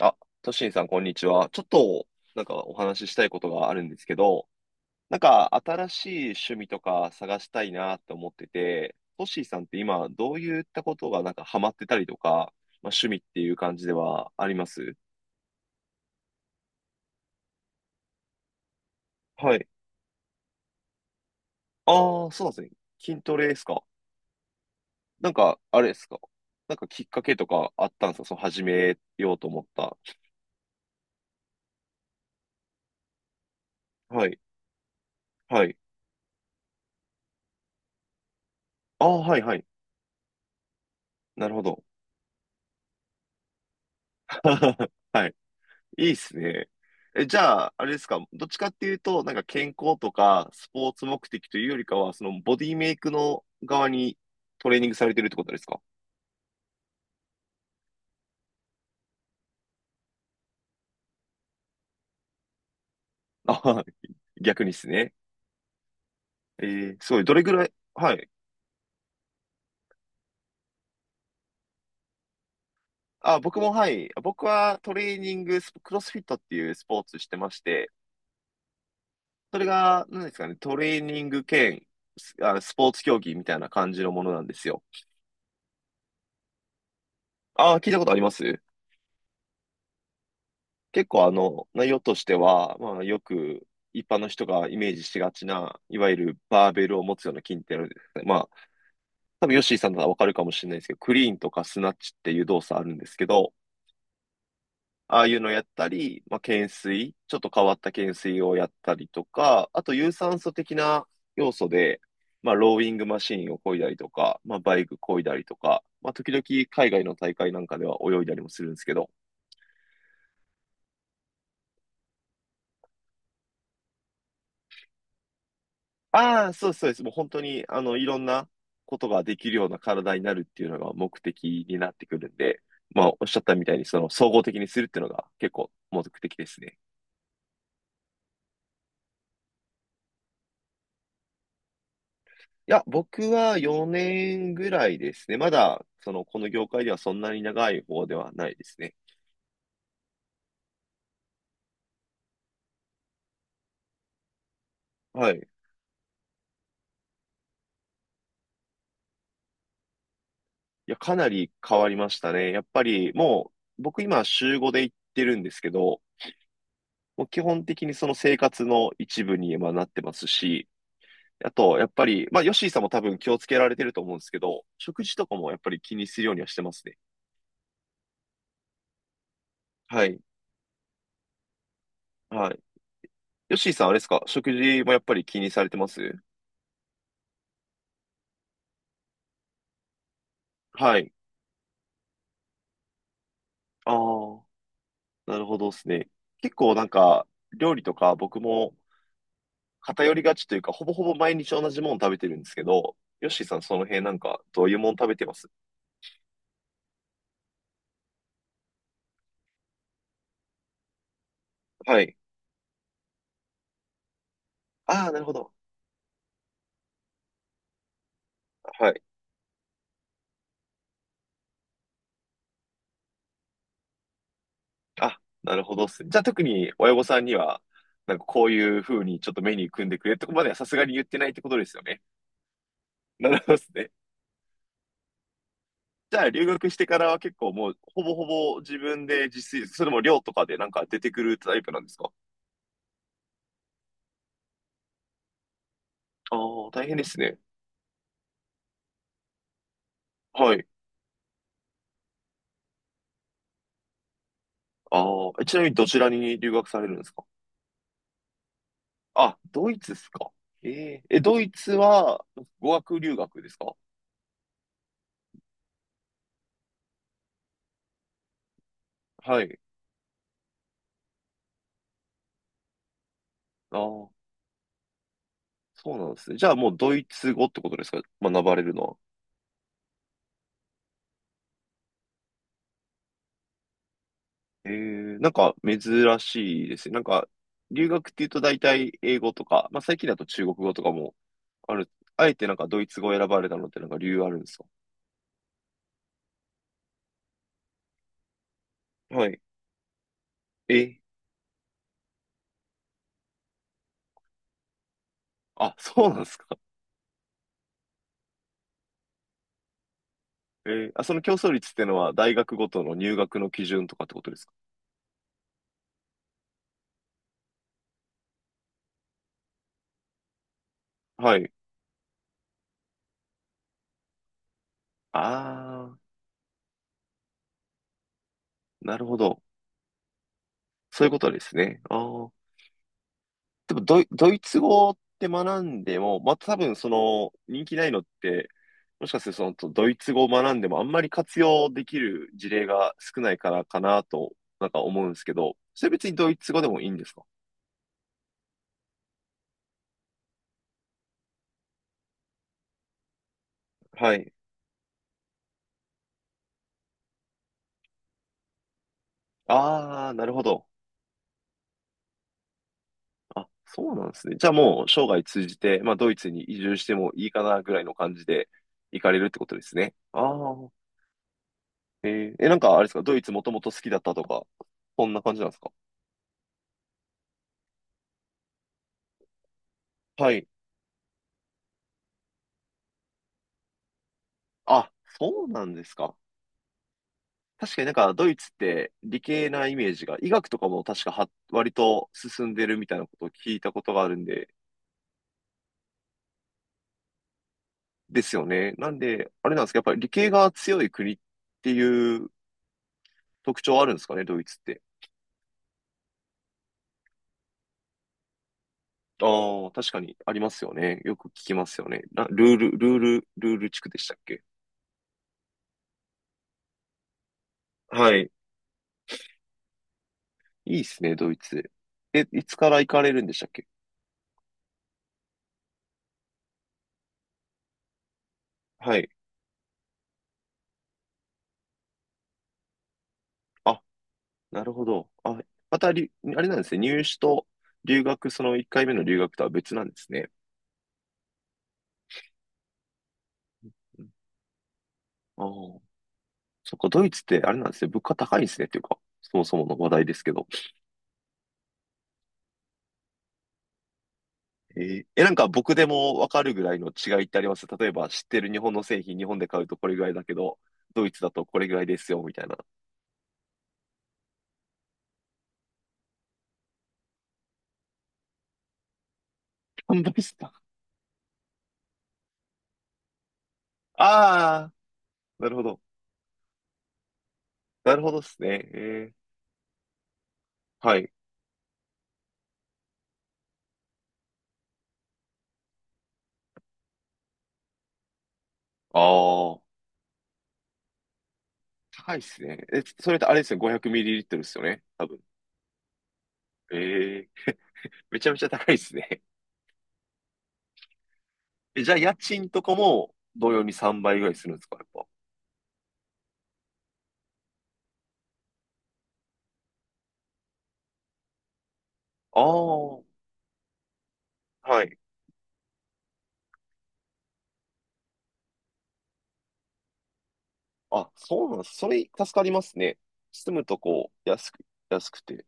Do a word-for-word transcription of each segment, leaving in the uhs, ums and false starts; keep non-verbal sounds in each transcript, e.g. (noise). あ、トシンさん、こんにちは。ちょっと、なんかお話ししたいことがあるんですけど、なんか新しい趣味とか探したいなって思ってて、トシンさんって今、どういったことがなんかハマってたりとか、まあ、趣味っていう感じではありますはい。ああ、そうなんですね。筋トレですか。なんか、あれですか。なんかきっかけとかあったんですかその始めようと思った。はい。はい。ああ、はい、はい。なるほど。(laughs) はい。いいっすね。え、じゃあ、あれですか、どっちかっていうと、なんか健康とかスポーツ目的というよりかは、そのボディメイクの側にトレーニングされてるってことですか？ (laughs) あ、はい、逆にですね。えー、すごい。どれぐらい、はい。あ、僕も、はい。僕はトレーニングスポ、クロスフィットっていうスポーツしてまして、それが、何ですかね、トレーニング兼ス、あ、スポーツ競技みたいな感じのものなんですよ。あ、聞いたことあります。結構あの、内容としては、まあ、よく一般の人がイメージしがちな、いわゆるバーベルを持つような筋ってあるんですね。まあ、多分ヨッシーさんならわかるかもしれないですけど、クリーンとかスナッチっていう動作あるんですけど、ああいうのやったり、まあ、懸垂、ちょっと変わった懸垂をやったりとか、あと有酸素的な要素で、まあ、ローイングマシーンを漕いだりとか、まあ、バイク漕いだりとか、まあ、時々海外の大会なんかでは泳いだりもするんですけど、ああ、そうですそうです。もう本当に、あの、いろんなことができるような体になるっていうのが目的になってくるんで、まあ、おっしゃったみたいに、その、総合的にするっていうのが結構目的ですね。いや、僕はよねんぐらいですね。まだ、その、この業界ではそんなに長い方ではないですね。はい。いや、かなり変わりましたね。やっぱり、もう、僕今、週ごで行ってるんですけど、もう基本的にその生活の一部に今なってますし、あと、やっぱり、まあ、ヨッシーさんも多分気をつけられてると思うんですけど、食事とかもやっぱり気にするようにはしてますね。はい。はい。ヨッシーさん、あれですか食事もやっぱり気にされてます？はい。ああ、なるほどですね。結構なんか、料理とか僕も偏りがちというか、ほぼほぼ毎日同じもの食べてるんですけど、ヨッシーさん、その辺なんか、どういうもの食べてます？はい。ああ、なるほど。はい。あ、なるほどっすね。じゃあ特に親御さんには、なんかこういう風にちょっとメニュー組んでくれってとこまではさすがに言ってないってことですよね。なるほどですね。じゃあ留学してからは結構もうほぼほぼ自分で自炊、それも寮とかでなんか出てくるタイプなんですか？ああー、大変ですね。はい。ああ、えちなみにどちらに留学されるんですか？あ、ドイツですか。えええ、ドイツは語学留学ですか？はい。ああ、そうなんですね。じゃあもうドイツ語ってことですか学ばれるのは。えー、なんか珍しいですね。なんか留学っていうと大体英語とか、まあ最近だと中国語とかもある。あえてなんかドイツ語を選ばれたのってなんか理由あるんですか？はい。え、あ、そうなんですか。えーあ、その競争率ってのは大学ごとの入学の基準とかってことですか？はい。あー、なるほど。そういうことですね。あー、でもドイ、ドイツ語って学んでも、また多分その人気ないのって、もしかするとそのドイツ語を学んでもあんまり活用できる事例が少ないからかなと、なんか思うんですけど、それ別にドイツ語でもいいんですか？はい。ああ、なるほど。あ、そうなんですね。じゃあもう生涯通じて、まあドイツに移住してもいいかなぐらいの感じで行かれるってことですね。ああ、えーえ、なんかあれですか、ドイツもともと好きだったとか、そんな感じなんですか？はい。あ、そうなんですか。確かになんかドイツって理系なイメージが、医学とかも確かは割と進んでるみたいなことを聞いたことがあるんで、ですよね。なんで、あれなんですか、やっぱり理系が強い国っていう特徴あるんですかね、ドイツって。ああ、確かにありますよね。よく聞きますよね。なルール、ルール、ルール地区でしたっけ？はい。いいっすね、ドイツ。え、いつから行かれるんでしたっけ？はい。あ、なるほど。あ、またり、あれなんですね、入試と留学、そのいっかいめの留学とは別なんですね。うん、ああ、そっか、ドイツってあれなんですね。物価高いんですね。っていうか、そもそもの話題ですけど。えーえ、なんか僕でもわかるぐらいの違いってあります例えば知ってる日本の製品、日本で買うとこれぐらいだけど、ドイツだとこれぐらいですよ、みたいな。販売した。ああ、なるほど。なるほどですね。えー、はい。ああ、高いですね。え、それってあれですね。ごひゃくミリリットル ですよね。多分。ええ、めちゃめちゃ高いですね。(laughs) え、じゃあ家賃とかも同様にさんばいぐらいするんですかやっぱ。ああ、はい。あ、そうなんです。それ助かりますね。住むとこう、安く、安くて。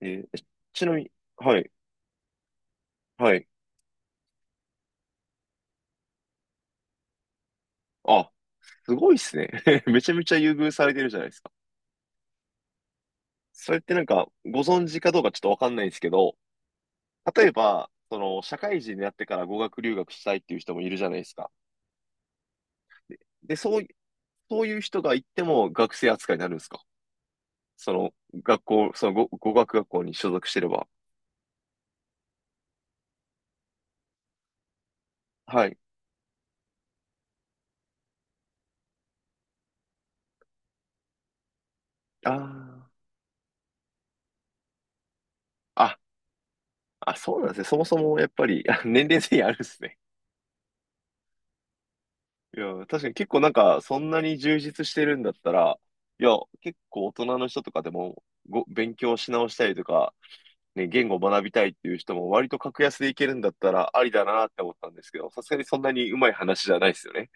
えーえ、ちなみに、はい、はい。あ、すごいっすね。(laughs) めちゃめちゃ優遇されてるじゃないですか。それってなんか、ご存知かどうかちょっとわかんないんですけど、例えば、その、社会人になってから語学留学したいっていう人もいるじゃないですか。で、そうい、そういう人が行っても学生扱いになるんですか？その、学校、その語、語学学校に所属してれば。はい。あーあ、あ、そうなんですね。そもそもやっぱり、(laughs) あ、年齢制限あるんですね。いや、確かに結構なんか、そんなに充実してるんだったら、いや、結構大人の人とかでも、ご、勉強し直したりとか、ね、言語を学びたいっていう人も割と格安でいけるんだったらありだなって思ったんですけど、さすがにそんなにうまい話じゃないですよね。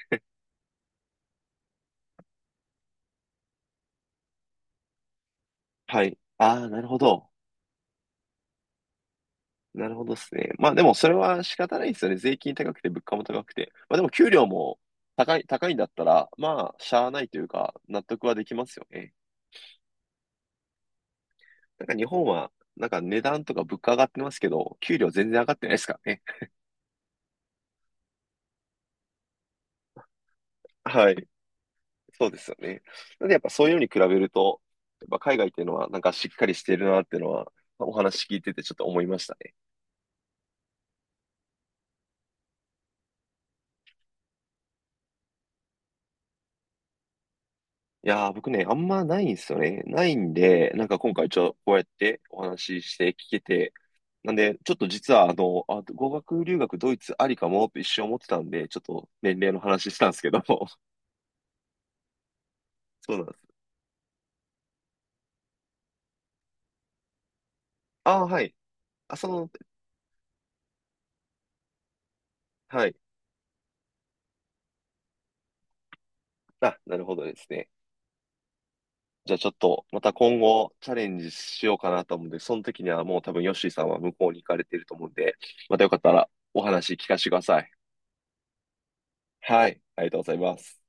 はい。ああ、なるほど。なるほどですね。まあでもそれは仕方ないですよね。税金高くて物価も高くて。まあでも給料も高い、高いんだったら、まあ、しゃあないというか、納得はできますよね。なんか日本は、なんか値段とか物価上がってますけど、給料全然上がってないですからね。はい。そうですよね。なんでやっぱそういうのに比べると、やっぱ海外っていうのはなんかしっかりしてるなっていうのは、まあお話聞いててちょっと思いましたね。いやー、僕ね、あんまないんですよね。ないんで、なんか今回ちょ、こうやってお話しして聞けて、なんで、ちょっと実は、あの、あ、語学留学ドイツありかもって一瞬思ってたんで、ちょっと年齢の話したんですけども。(laughs) そうなんです。ああ、はい。あ、その、はい。あ、なるほどですね。じゃあちょっと、また今後チャレンジしようかなと思うんで、その時にはもう多分ヨッシーさんは向こうに行かれていると思うんで、またよかったらお話聞かせてください。はい、ありがとうございます。